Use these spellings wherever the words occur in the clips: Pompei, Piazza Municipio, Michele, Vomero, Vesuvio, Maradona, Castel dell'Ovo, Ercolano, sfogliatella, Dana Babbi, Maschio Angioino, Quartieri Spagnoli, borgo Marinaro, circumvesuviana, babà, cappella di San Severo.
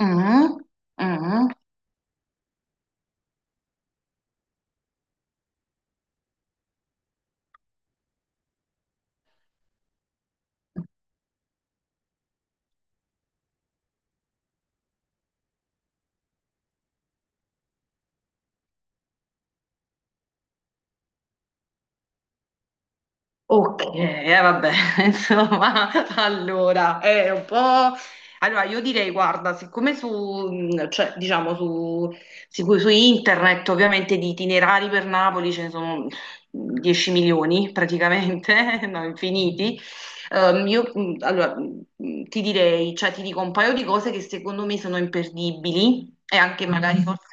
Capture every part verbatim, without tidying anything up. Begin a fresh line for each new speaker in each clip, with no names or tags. Mm, mm. Ok, eh, vabbè, insomma, allora, è un po'... Allora, io direi, guarda, siccome su, mh, cioè, diciamo, su, sicu- su internet ovviamente di itinerari per Napoli ce ne sono dieci milioni praticamente, no, infiniti, ehm, io, mh, allora, mh, ti direi, cioè, ti dico un paio di cose che secondo me sono imperdibili e anche magari forse.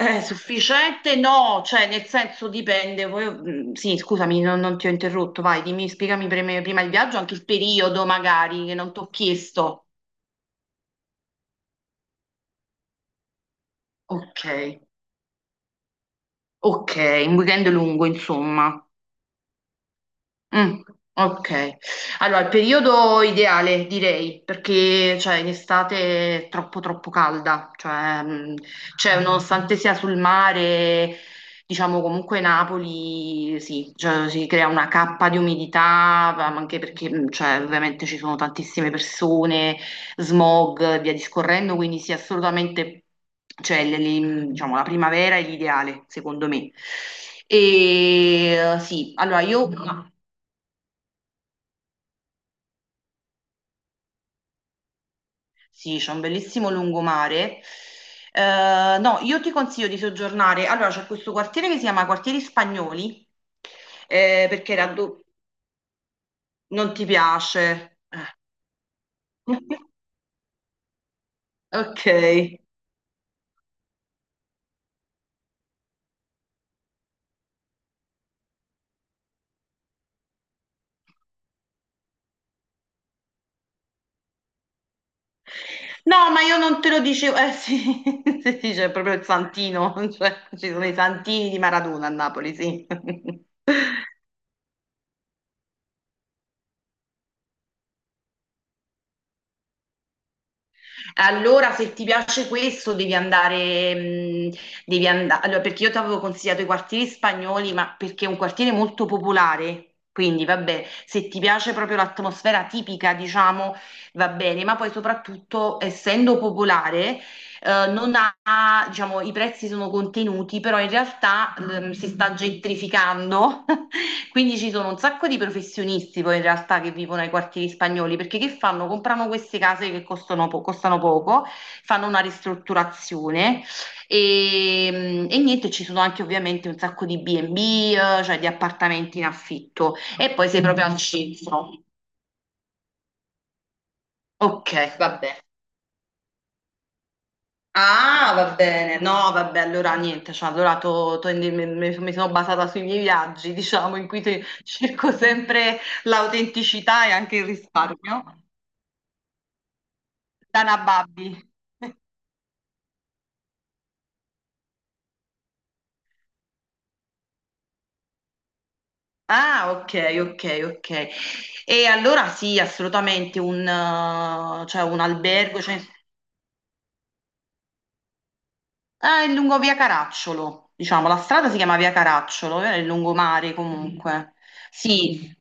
Eh, sufficiente no, cioè nel senso dipende. Voi- mm, sì, scusami, non, non ti ho interrotto. Vai, dimmi, spiegami prima, prima il viaggio, anche il periodo magari che non ti ho chiesto. Ok, ok, un weekend lungo, insomma. Mm, ok, allora il periodo ideale direi perché cioè, in estate è troppo troppo calda, cioè, mm, cioè, nonostante sia sul mare, diciamo comunque Napoli sì, cioè, si crea una cappa di umidità, ma anche perché mm, cioè, ovviamente ci sono tantissime persone, smog e via discorrendo, quindi sì assolutamente cioè, le- le- diciamo, la primavera è l'ideale secondo me. E eh, sì, allora io... Sì, c'è un bellissimo lungomare. Eh, no, io ti consiglio di soggiornare. Allora, c'è questo quartiere che si chiama Quartieri Spagnoli, eh, perché era do- non ti piace. Ok. No, ma io non te lo dicevo. Eh sì, sì, sì, c'è proprio il Santino, cioè, ci sono i Santini di Maradona a Napoli, sì. Allora, se ti piace questo, devi andare, mh, devi andare, allora, perché io ti avevo consigliato i quartieri spagnoli, ma perché è un quartiere molto popolare, quindi vabbè, se ti piace proprio l'atmosfera tipica, diciamo, va bene, ma poi soprattutto, essendo popolare, eh, non ha, diciamo, i prezzi sono contenuti, però in realtà ehm, si sta gentrificando, quindi ci sono un sacco di professionisti poi in realtà che vivono ai quartieri spagnoli, perché che fanno? Comprano queste case che costano, po- costano poco, fanno una ristrutturazione e, e niente, ci sono anche ovviamente un sacco di B and B, eh, cioè di appartamenti in affitto e poi sei proprio al centro. Ok, vabbè. Ah, va bene, no, vabbè, allora niente, cioè, allora to- to- mi, mi- mi sono basata sui miei viaggi, diciamo, in cui te- cerco sempre l'autenticità e anche il risparmio. Dana Babbi. Ah, ok, ok, ok. E allora sì, assolutamente un, eh, cioè, un albergo, cioè, ah, è lungo via Caracciolo, diciamo, la strada si chiama via Caracciolo, eh, è il lungomare comunque. Sì,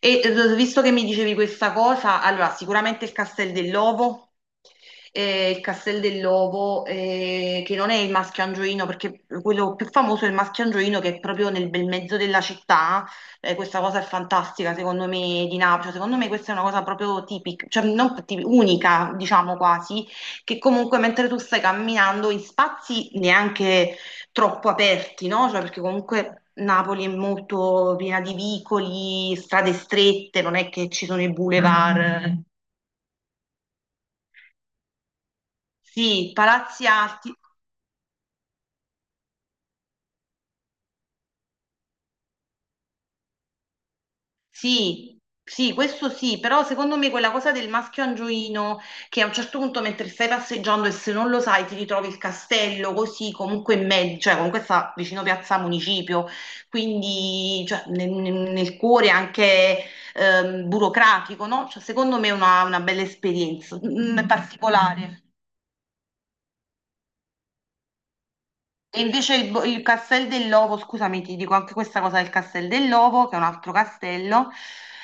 e eh, visto che mi dicevi questa cosa, allora sicuramente il Castel dell'Ovo, eh, il Castel dell'Ovo eh, che non è il Maschio Angioino, perché quello più famoso è il Maschio Angioino che è proprio nel bel mezzo della città. Eh, questa cosa è fantastica, secondo me, di Napoli. Cioè, secondo me questa è una cosa proprio tipica, cioè non tipica, unica, diciamo quasi, che comunque mentre tu stai camminando in spazi neanche troppo aperti, no? Cioè, perché comunque Napoli è molto piena di vicoli, strade strette, non è che ci sono i boulevard. Mm. Sì, palazzi alti, Sì, sì, questo sì, però secondo me quella cosa del maschio angioino che a un certo punto mentre stai passeggiando e se non lo sai ti ritrovi il castello così comunque in mezzo, cioè comunque sta vicino Piazza Municipio, quindi cioè, nel, nel- nel cuore anche ehm, burocratico, no? Cioè, secondo me è una, una bella esperienza, mm, mm, particolare. E invece il, bo- il Castel dell'Ovo, scusami, ti dico anche questa cosa del Castel dell'Ovo, che è un altro castello,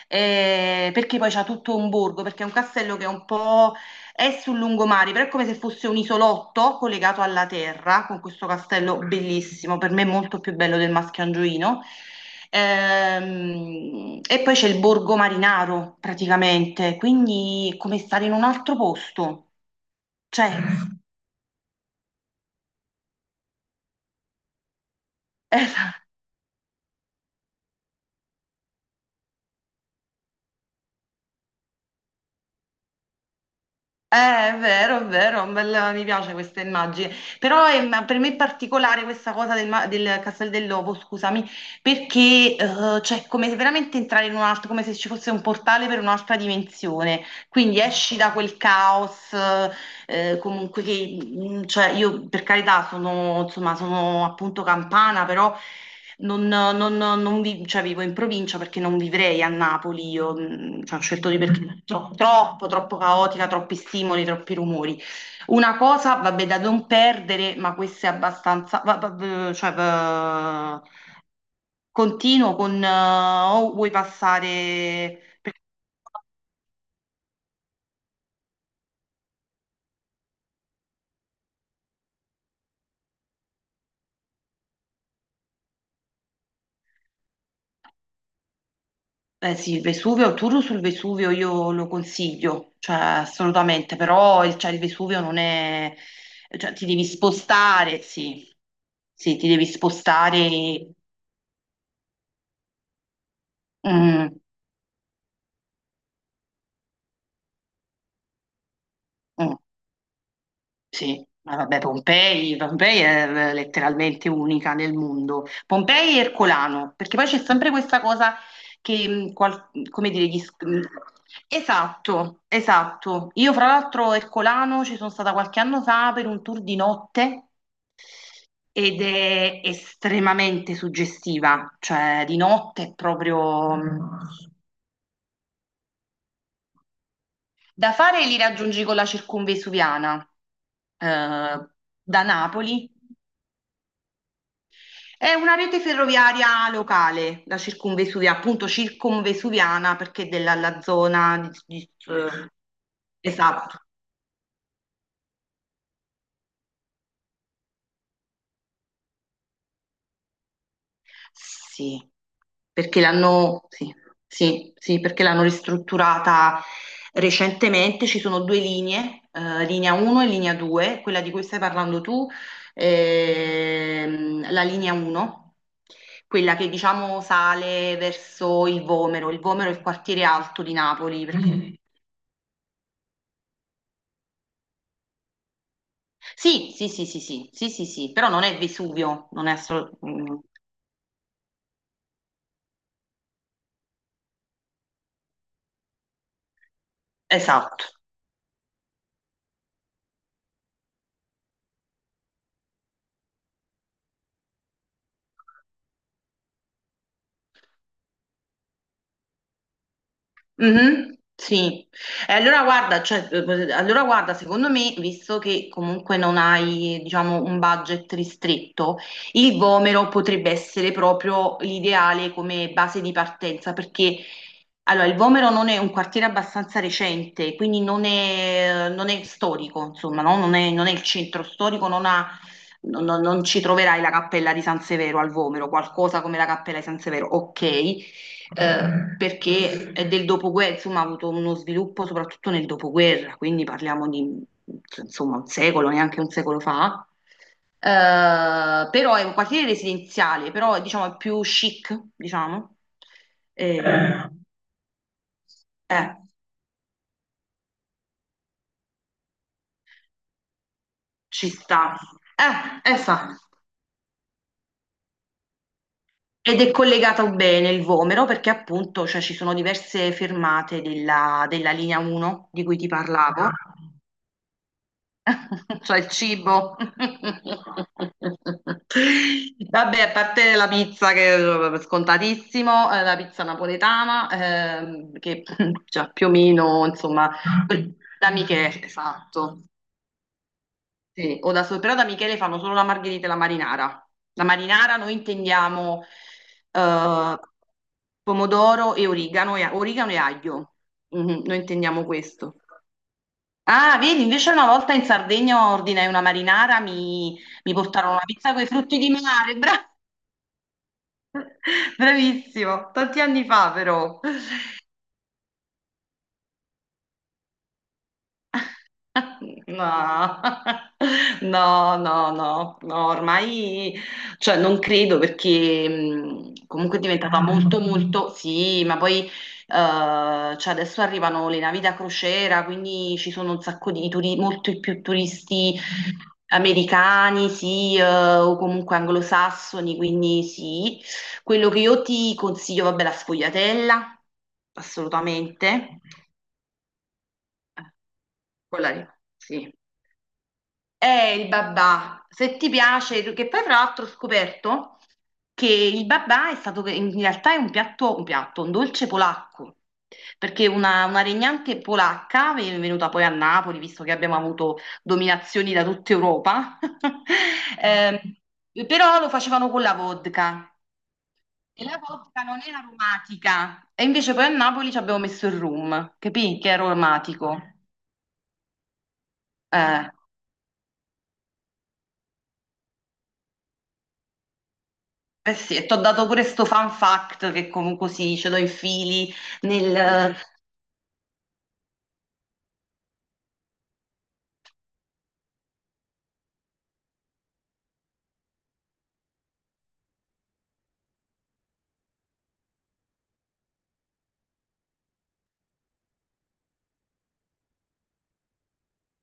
eh, perché poi c'ha tutto un borgo, perché è un castello che è un po' è sul lungomare, però è come se fosse un isolotto collegato alla terra, con questo castello bellissimo, per me molto più bello del Mascangioino. Ehm, e poi c'è il borgo Marinaro, praticamente, quindi è come stare in un altro posto, cioè. Eh, è vero, è vero, un bel- mi piace questa immagine, però è- ma per me è particolare questa cosa del, ma- del Castel dell'Ovo, scusami, perché eh, cioè, come se veramente entrare in un altro, come se ci fosse un portale per un'altra dimensione, quindi esci da quel caos, eh, comunque che, mm, cioè, io per carità sono, insomma, sono appunto campana, però non, non- non vi- cioè, vivo in provincia perché non vivrei a Napoli, io mh, cioè, ho scelto di perché tro- troppo, troppo caotica, troppi stimoli, troppi rumori. Una cosa, vabbè, da non perdere, ma questa è abbastanza, va- va- cioè, va- continuo con, eh, o vuoi passare... Eh sì, il Vesuvio, il tour sul Vesuvio io lo consiglio, cioè assolutamente, però il, cioè, il Vesuvio non è, cioè ti devi spostare, sì, sì, ti devi spostare. Mm, mm. Sì, ma vabbè, Pompei, Pompei è eh, letteralmente unica nel mondo. Pompei e Ercolano, perché poi c'è sempre questa cosa che, mh, qual- come dire, gli... s- mh, esatto, esatto. Io fra l'altro a Ercolano ci sono stata qualche anno fa per un tour di notte ed è estremamente suggestiva, cioè di notte è proprio... mh, da fare li raggiungi con la circumvesuviana eh, da Napoli. È una rete ferroviaria locale, la circumvesuviana, appunto circumvesuviana perché della la zona di, di- eh, esatto, sì, perché l'hanno sì, sì, sì, perché l'hanno ristrutturata recentemente, ci sono due linee, eh, linea uno e linea due, quella di cui stai parlando tu, ehm, la linea uno, quella che diciamo sale verso il Vomero, il Vomero è il quartiere alto di Napoli, perché mhm. Sì, sì, sì, sì, sì, sì, sì, sì, però non è Vesuvio, non è assolutamente... Esatto, mhm, sì, e allora guarda, cioè, eh, allora guarda, secondo me, visto che comunque non hai, diciamo, un budget ristretto, il Vomero potrebbe essere proprio l'ideale come base di partenza, perché allora, il Vomero non è un quartiere abbastanza recente, quindi non è, non è storico, insomma, no? Non è, non è il centro storico, non ha, non non- non ci troverai la cappella di San Severo al Vomero, qualcosa come la cappella di San Severo, ok eh, perché è del dopoguerra, insomma, ha avuto uno sviluppo soprattutto nel dopoguerra, quindi parliamo di insomma un secolo, neanche un secolo fa. Eh, però è un quartiere residenziale, però diciamo è più chic, diciamo. Eh, eh, eh, ci sta. Eh, eh, fa. Ed è collegato bene il Vomero perché appunto cioè, ci sono diverse fermate della, della linea uno di cui ti parlavo. Cioè il cibo. Vabbè, a parte la pizza che è scontatissimo, eh, la pizza napoletana, ehm, che già più o meno, insomma, que- da Michele, esatto. Sì, o da, so- però da Michele fanno solo la margherita e la marinara. La marinara noi intendiamo eh, pomodoro e origano, e, origano e aglio. Mhm, noi intendiamo questo. Ah, vedi, invece una volta in Sardegna ordinai una marinara, mi, mi portarono una pizza con i frutti di mare, bra- bravissimo, tanti anni fa però. No, no, no, no, no, ormai, cioè non credo perché mh, comunque diventava molto, molto, sì, ma poi eh, cioè adesso arrivano le navi da crociera, quindi ci sono un sacco di turisti, molto più turisti americani, sì, eh, o comunque anglosassoni, quindi sì. Quello che io ti consiglio, vabbè, la sfogliatella, assolutamente. Quella lì, sì. È il babà. Se ti piace, tu- che poi tra l'altro ho scoperto che il babà è stato, in realtà è un piatto, un piatto, un dolce polacco, perché una, una regnante polacca, ven- venuta poi a Napoli, visto che abbiamo avuto dominazioni da tutta Europa, ehm, però lo facevano con la vodka. E la vodka non era aromatica, e invece poi a Napoli ci abbiamo messo il rum, capì? Che era aromatico. Eh. Eh sì, e ti ho dato pure sto fun fact che comunque sì, ce l'ho in fili nel...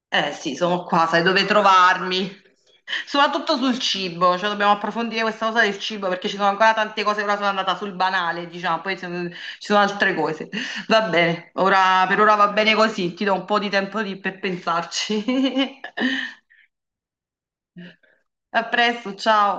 Eh sì, sono qua, sai dove trovarmi. Soprattutto sul cibo, cioè dobbiamo approfondire questa cosa del cibo perché ci sono ancora tante cose, ora sono andata sul banale, diciamo, poi se- ci sono altre cose. Va bene, ora, per ora va bene così, ti do un po' di tempo di- per pensarci. A presto, ciao.